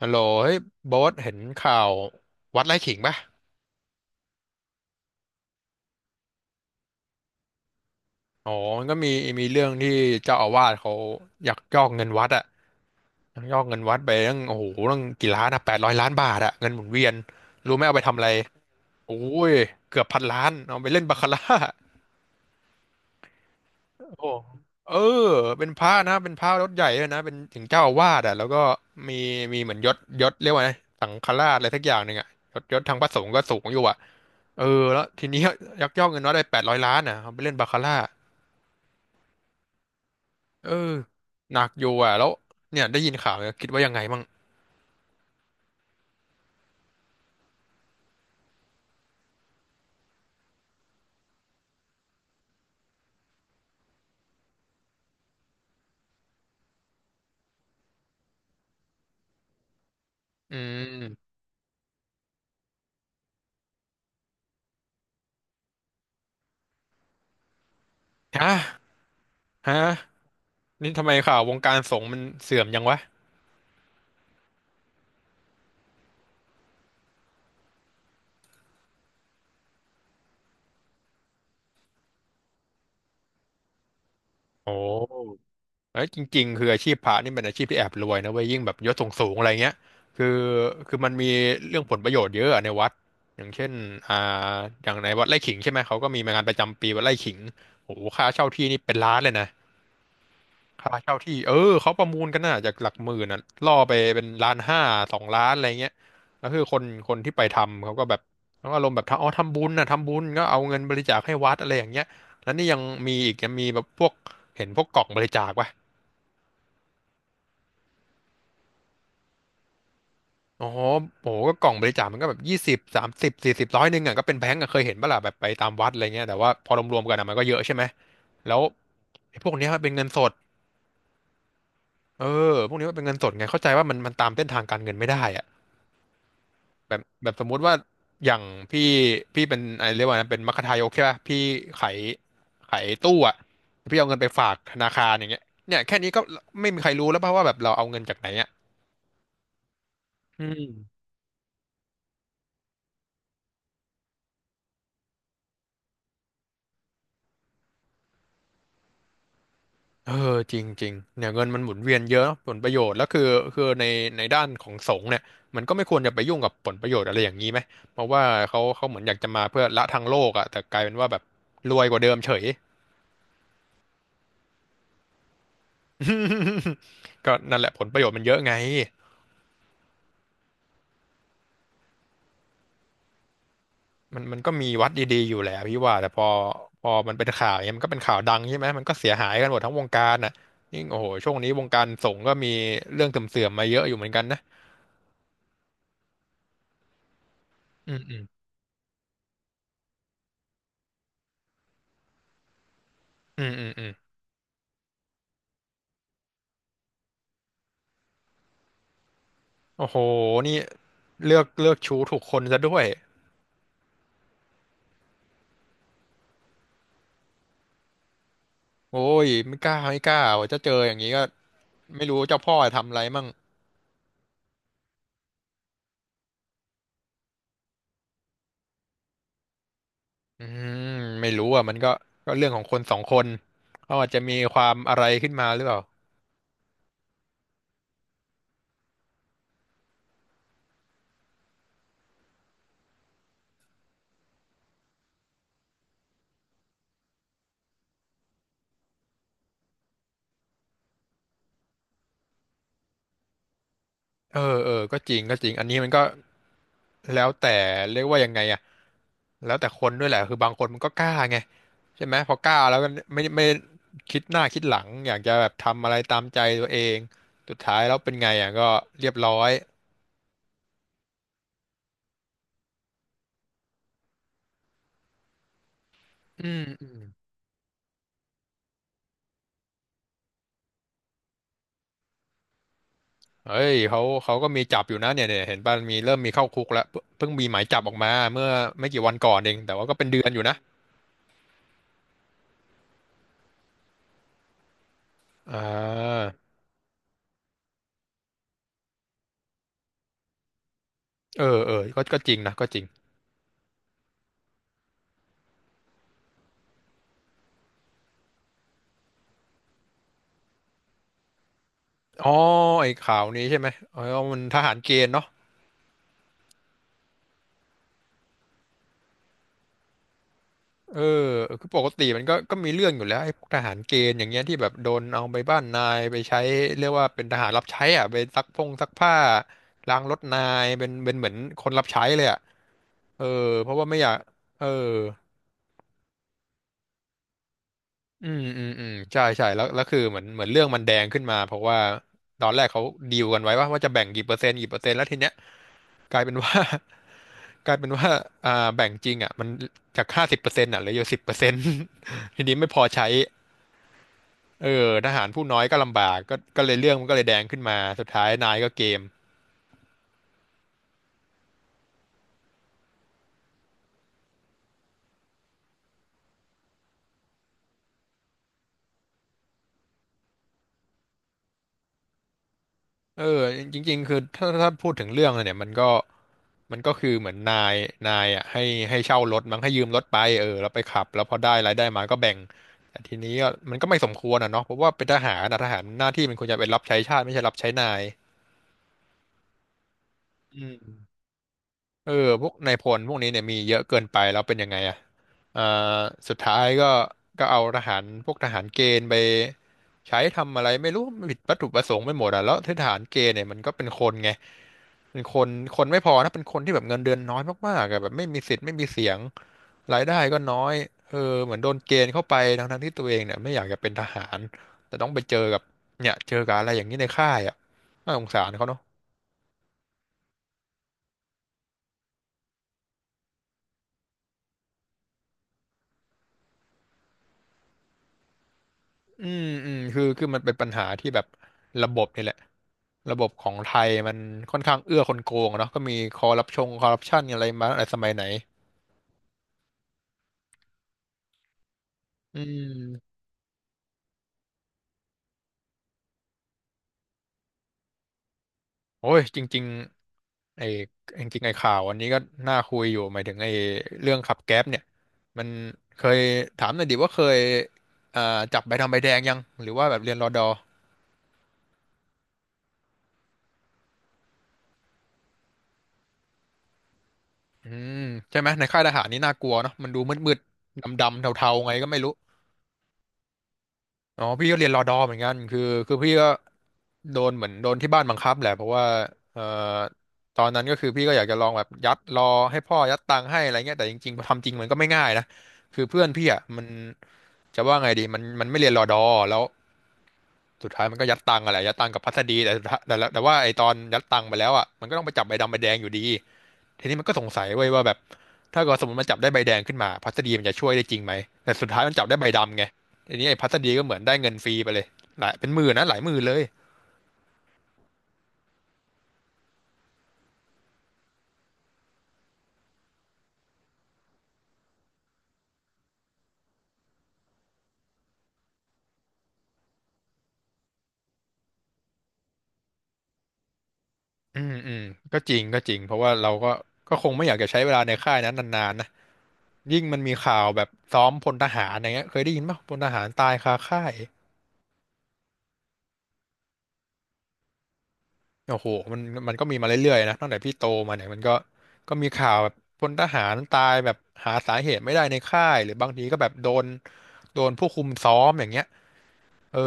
ฮัลโหลเฮ้ยโบ๊ทเห็นข่าววัดไร่ขิงปะอ๋อมันก็มีเรื่องที่เจ้าอาวาสเขาอยากยอกเงินวัดอะยักยอกเงินวัดไปตั้งโอ้โหตั้งกี่ล้านอะ800 ล้านบาทอะเงินหมุนเวียนรู้ไหมเอาไปทำอะไรโอ้ยเกือบพันล้านเอาไปเล่นบาคาร่า โอ้โหเออเป็นพระนะเป็นพระยศใหญ่เลยนะเป็นถึงเจ้าอาวาสอ่ะแล้วก็มีมีเหมือนยศยศเรียกว่าไงสังฆราชอะไรสักอย่างหนึ่งอ่ะยศยศทางพระสงฆ์ก็สูงอยู่อ่ะ เออแล้วทีนี้ยักยอกเงินวัดได้แปดร้อยล้านอ่ะเอาไปเล่นบาคาร่าเออหนักอยู่อ่ะแล้วเนี่ยได้ยินข่าวเนี่ยคิดว่ายังไงมั่งอืมฮะฮะนี่ทำไมข่าววงการสงฆ์มันเสื่อมยังวะโอ้ เอ้ยจริงๆคืออาชีพพระนี่เป็นอาชีพที่แอบรวยนะเว้ยยิ่งแบบยศสูงๆอะไรเงี้ยคือคือมันมีเรื่องผลประโยชน์เยอะอะในวัดอย่างเช่นอ่าอย่างในวัดไร่ขิงใช่ไหมเขาก็มีงานประจำปีวัดไร่ขิงโอ้โหค่าเช่าที่นี่เป็นล้านเลยนะค่าเช่าที่เออเขาประมูลกันน่ะจากหลักหมื่นน่ะล่อไปเป็นล้านห้า2 ล้านอะไรเงี้ยแล้วคือคนที่ไปทำเขาก็แบบเขาอารมณ์แบบทำอ๋อทำบุญน่ะทำบุญก็เอาเงินบริจาคให้วัดอะไรอย่างเงี้ยแล้วนี่ยังมีอีกยังมีแบบพวกเห็นพวกกล่องบริจาคปะ อ๋อโหก็กล่องบริจาคมันก็แบบยี่สิบสามสิบสี่สิบร้อยหนึ่งอ่ะก็เป็นแบงก์อะเคยเห็นปะล่ะแบบไปตามวัดอะไรเงี้ยแต่ว่าพอรวมๆกันอะมันก็เยอะใช่ไหมแล้วไอ้พวกเนี้ยมันเป็นเงินสดเออพวกนี้มันเป็นเงินสดไงเข้าใจว่ามันตามเส้นทางการเงินไม่ได้อ่ะแบบสมมุติว่าอย่างพี่พี่เป็นอะไรเรียกว่านะเป็นมัคทายกใช่ป่ะ พี่ขายขายตู้อ่ะพี่เอาเงินไปฝากธนาคารอย่างเงี้ยเนี่ยแค่นี้ก็ไม่มีใครรู้แล้วป่ะว่าแบบเราเอาเงินจากไหนอ่ะอืม เออจริงจริงเนี่ยเงินมันหมุนเวียนเยอะผลประโยชน์แล้วคือในด้านของสงฆ์เนี่ยมันก็ไม่ควรจะไปยุ่งกับผลประโยชน์อะไรอย่างนี้ไหมเพราะว่าเขาเหมือนอยากจะมาเพื่อละทางโลกอะแต่กลายเป็นว่าแบบรวยกว่าเดิมเฉย ก็นั่นแหละผลประโยชน์มันเยอะไงมันก็มีวัดดีๆอยู่แหละพี่ว่าแต่พอมันเป็นข่าวเนี่ยมันก็เป็นข่าวดังใช่ไหมมันก็เสียหายกันหมดทั้งวงการน่ะยิ่งโอ้โหช่วงนี้วงการสงฆ์ก็มีเรื่องเสื่อมๆมาเยอะอยู่เหมือนกันนะอืมอืมอืมอืม โอ้โหนี่เลือกชู้ถูกคนซะด้วยโอ้ยไม่กล้าว่าจะเจออย่างนี้ก็ไม่รู้เจ้าพ่อทำอะไรมั่งอืมไม่รู้อ่ะมันก็ก็เรื่องของคนสองคนเขาอาจจะมีความอะไรขึ้นมาหรือเปล่าเออเออก็จริงก็จริง อันนี้มันก็แล้วแต่เรียกว่ายังไงอ่ะแล้วแต่คนด้วยแหละคือบางคนมันก็กล้าไงใช่ไหมพอกล้าแล้วก็ไม่คิดหน้าคิดหลังอยากจะแบบทำอะไรตามใจตัวเองสุดท้ายแล้วเป็นไงอ่ะก็เรียบร้อยอืม เอ้ยเขาก็มีจับอยู่นะเนี่ยเห็นป่ะมีเริ่มมีเข้าคุกแล้วเพิ่งมีหมายจับออกมาเมื่อไม่กี่วันก่อนเองแต่ว่าก็เป็นเดือนอยู่นะอ่าเออเออก็ก็จริงนะก็จริงอ๋อไอ้ข่าวนี้ใช่ไหมเออมันทหารเกณฑ์เนาะเออคือปกติมันก็มีเรื่องอยู่แล้วไอ้พวกทหารเกณฑ์อย่างเงี้ยที่แบบโดนเอาไปบ้านนายไปใช้เรียกว่าเป็นทหารรับใช้อ่ะไปซักพงซักผ้าล้างรถนายเป็นเหมือนคนรับใช้เลยอ่ะเออเพราะว่าไม่อยากเออ อืมอืมอืมใช่ใช่แล้วคือเหมือนเรื่องมันแดงขึ้นมาเพราะว่าตอนแรกเขาดีลกันไว้ว่าจะแบ่งกี่เปอร์เซ็นต์กี่เปอร์เซ็นต์แล้วทีเนี้ยกลายเป็นว่า กลายเป็นว่าอ่าแบ่งจริงอ่ะมันจาก50%อ่ะเหลืออยู่สิบเปอร์เซ็นต์ ทีนี้ไม่พอใช้เออทหารผู้น้อยก็ลำบากก็เลยเรื่องมันก็เลยแดงขึ้นมาสุดท้ายนายก็เกม เออจริงๆคือถ้าพูดถึงเรื่องอะเนี่ยมันก็คือเหมือนนายอ่ะให้เช่ารถมั้งให้ยืมรถไปเออแล้วไปขับแล้วพอได้รายได้มาก็แบ่งแต่ทีนี้ก็มันก็ไม่สมควรอ่ะเนาะเพราะว่าเป็นทหารนะทหารหน้าที่มันควรจะเป็นรับใช้ชาติไม่ใช่รับใช้นายอืม เออพวกนายพลพวกนี้เนี่ยมีเยอะเกินไปแล้วเป็นยังไงอ่ะอ่าสุดท้ายก็ก็เอาทหารพวกทหารเกณฑ์ไปใช้ทำอะไรไม่รู้ผิดวัตถุประสงค์ไปหมดอ่ะแล้วทหารเกณฑ์เนี่ยมันก็เป็นคนไงเป็นคนคนไม่พอนะเป็นคนที่แบบเงินเดือนน้อยมากๆอะแบบไม่มีสิทธิ์ไม่มีเสียงรายได้ก็น้อยเออเหมือนโดนเกณฑ์เข้าไปทั้งๆที่ตัวเองเนี่ยไม่อยากจะเป็นทหารแต่ต้องไปเจอกับเนี่ยเจอกับอะไรอย่างนี้ในค่ายอ่ะน่าสงสารเขาเนอะ อืมอืมคือมันเป็นปัญหาที่แบบระบบนี่แหละระบบของไทยมันค่อนข้างเอื้อคนโกงอะเนาะก็มีคอร์รัปชันอะไรมาตั้งแต่สมัยไหนอืมโอ้ยจริงๆไอ้จริงๆไอ้ข่าวอันนี้ก็น่าคุยอยู่หมายถึงไอ้เรื่องขับแก๊ปเนี่ยมันเคยถามหน่อยดิว่าเคยอ่าจับใบดำใบแดงยังหรือว่าแบบเรียนรอดออืมใช่ไหมในค่ายทหารนี่น่ากลัวเนาะมันดูมืดๆดำๆเทาๆไงก็ไม่รู้ อ๋อพี่ก็เรียนรอดอเหมือนกันคือพี่ก็โดนเหมือนโดนที่บ้านบังคับแหละเพราะว่าเอ่อตอนนั้นก็คือพี่ก็อยากจะลองแบบยัดรอให้พ่อยัดตังค์ให้อะไรเงี้ยแต่จริงๆพอทำจริงมันก็ไม่ง่ายนะคือเพื่อนพี่อ่ะมันจะว่าไงดีมันไม่เรียนรอดอแล้วสุดท้ายมันก็ยัดตังค์อะไรยัดตังค์กับพัสดีแต่สุดท้ายแต่ว่าไอตอนยัดตังค์ไปแล้วอ่ะมันก็ต้องไปจับใบดำใบแดงอยู่ดี ทีนี้มันก็สงสัยเว้ยว่าแบบถ้าเกิดสมมติมันจับได้ใบแดงขึ้นมาพัสดีมันจะช่วยได้จริงไหมแต่สุดท้ายมันจับได้ใบดำไงทีนี้ไอ้พัสดีก็เหมือนได้เงินฟรีไปเลยหลายเป็นหมื่นนะหลายหมื่นเลยอืมอืมก็จริงเพราะว่าเราก็ก็คงไม่อยากจะใช้เวลาในค่ายนั้นนานๆนะยิ่งมันมีข่าวแบบซ้อมพลทหารอย่างเงี้ยเคยได้ยินป่ะพลทหารตายคาค่ายโอ้โหมันมันก็มีมาเรื่อยๆนะตั้งแต่พี่โตมาเนี่ยมันก็ก็มีข่าวแบบพลทหารตายแบบหาสาเหตุไม่ได้ในค่ายหรือบางทีก็แบบโดนผู้คุมซ้อมอย่างเงี้ย เออ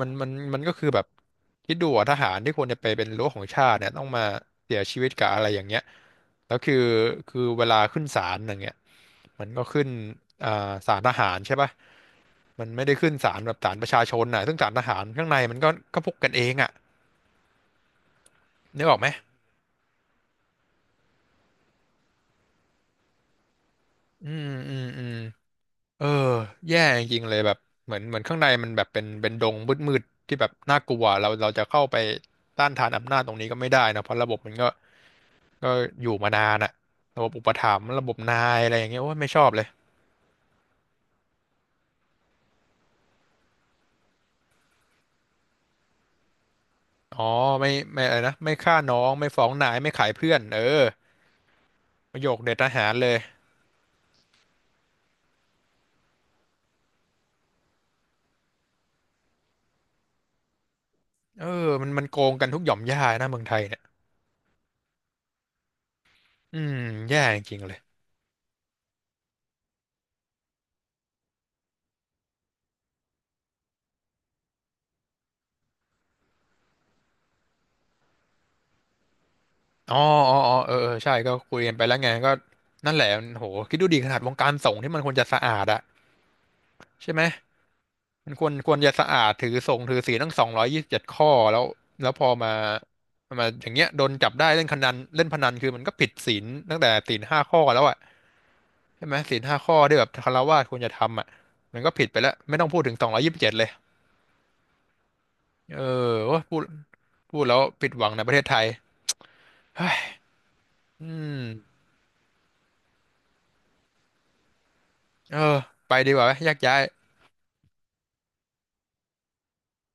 มันก็คือแบบคิดดูอะทหารที่ควรจะไปเป็นรั้วของชาติเนี่ยต้องมาเสียชีวิตกับอะไรอย่างเงี้ยแล้วคือเวลาขึ้นศาลอย่างเงี้ยมันก็ขึ้นอ่าศาลทหารใช่ป่ะมันไม่ได้ขึ้นศาลแบบศาลประชาชนน่ะซึ่งศาลทหารข้างในมันก็ก็พวกกันเองอ่ะนึกออกไหมอืมอืมอืมเออแย่จริงๆเลยแบบเหมือนเหมือนข้างในมันแบบเป็นดงมืดๆที่แบบน่ากลัวเราจะเข้าไปต้านทานอำนาจตรงนี้ก็ไม่ได้นะเพราะระบบมันก็ ก็อยู่มานานอะระบบอุปถัมภ์ระบบนายอะไรอย่างเงี้ยโอ้ยไม่ชอบเลยอ๋อไม่อะไรนะไม่ฆ่าน้องไม่ฟ้องนายไม่ขายเพื่อนเออประโยคเด็ดทหารเลยเออมันโกงกันทุกหย่อมย่านะเมืองไทยเนี่ยอืมแย่จริงๆเลยอ๋ออ๋ออ๋อเออเออใช่ก็คุยกันไปแล้วไงก็นั่นแหละโหคิดดูดีขนาดวงการสงฆ์ที่มันควรจะสะอาดอะใช่ไหม มันควรจะสะอาดถือศีลทั้งสองร้อยยี่สิบเจ็ดข้อแล้วแล้วพอมามาอย่างเงี้ยโดนจับได้เล่นพนันคือมันก็ผิดศีลตั้งแต่ศีลห้าข้อแล้วอ่ะใช่ไหมศีลห้าข้อที่แบบคฤหัสถ์ควรจะทำอ่ะมันก็ผิดไปแล้วไม่ต้องพูดถึงสองร้อยยี่สิบเจ็ดเลยเออโอ้ยพูดแล้วผิดหวังในประเทศไทยอืมเออไปดีกว่าไหมแยกย้าย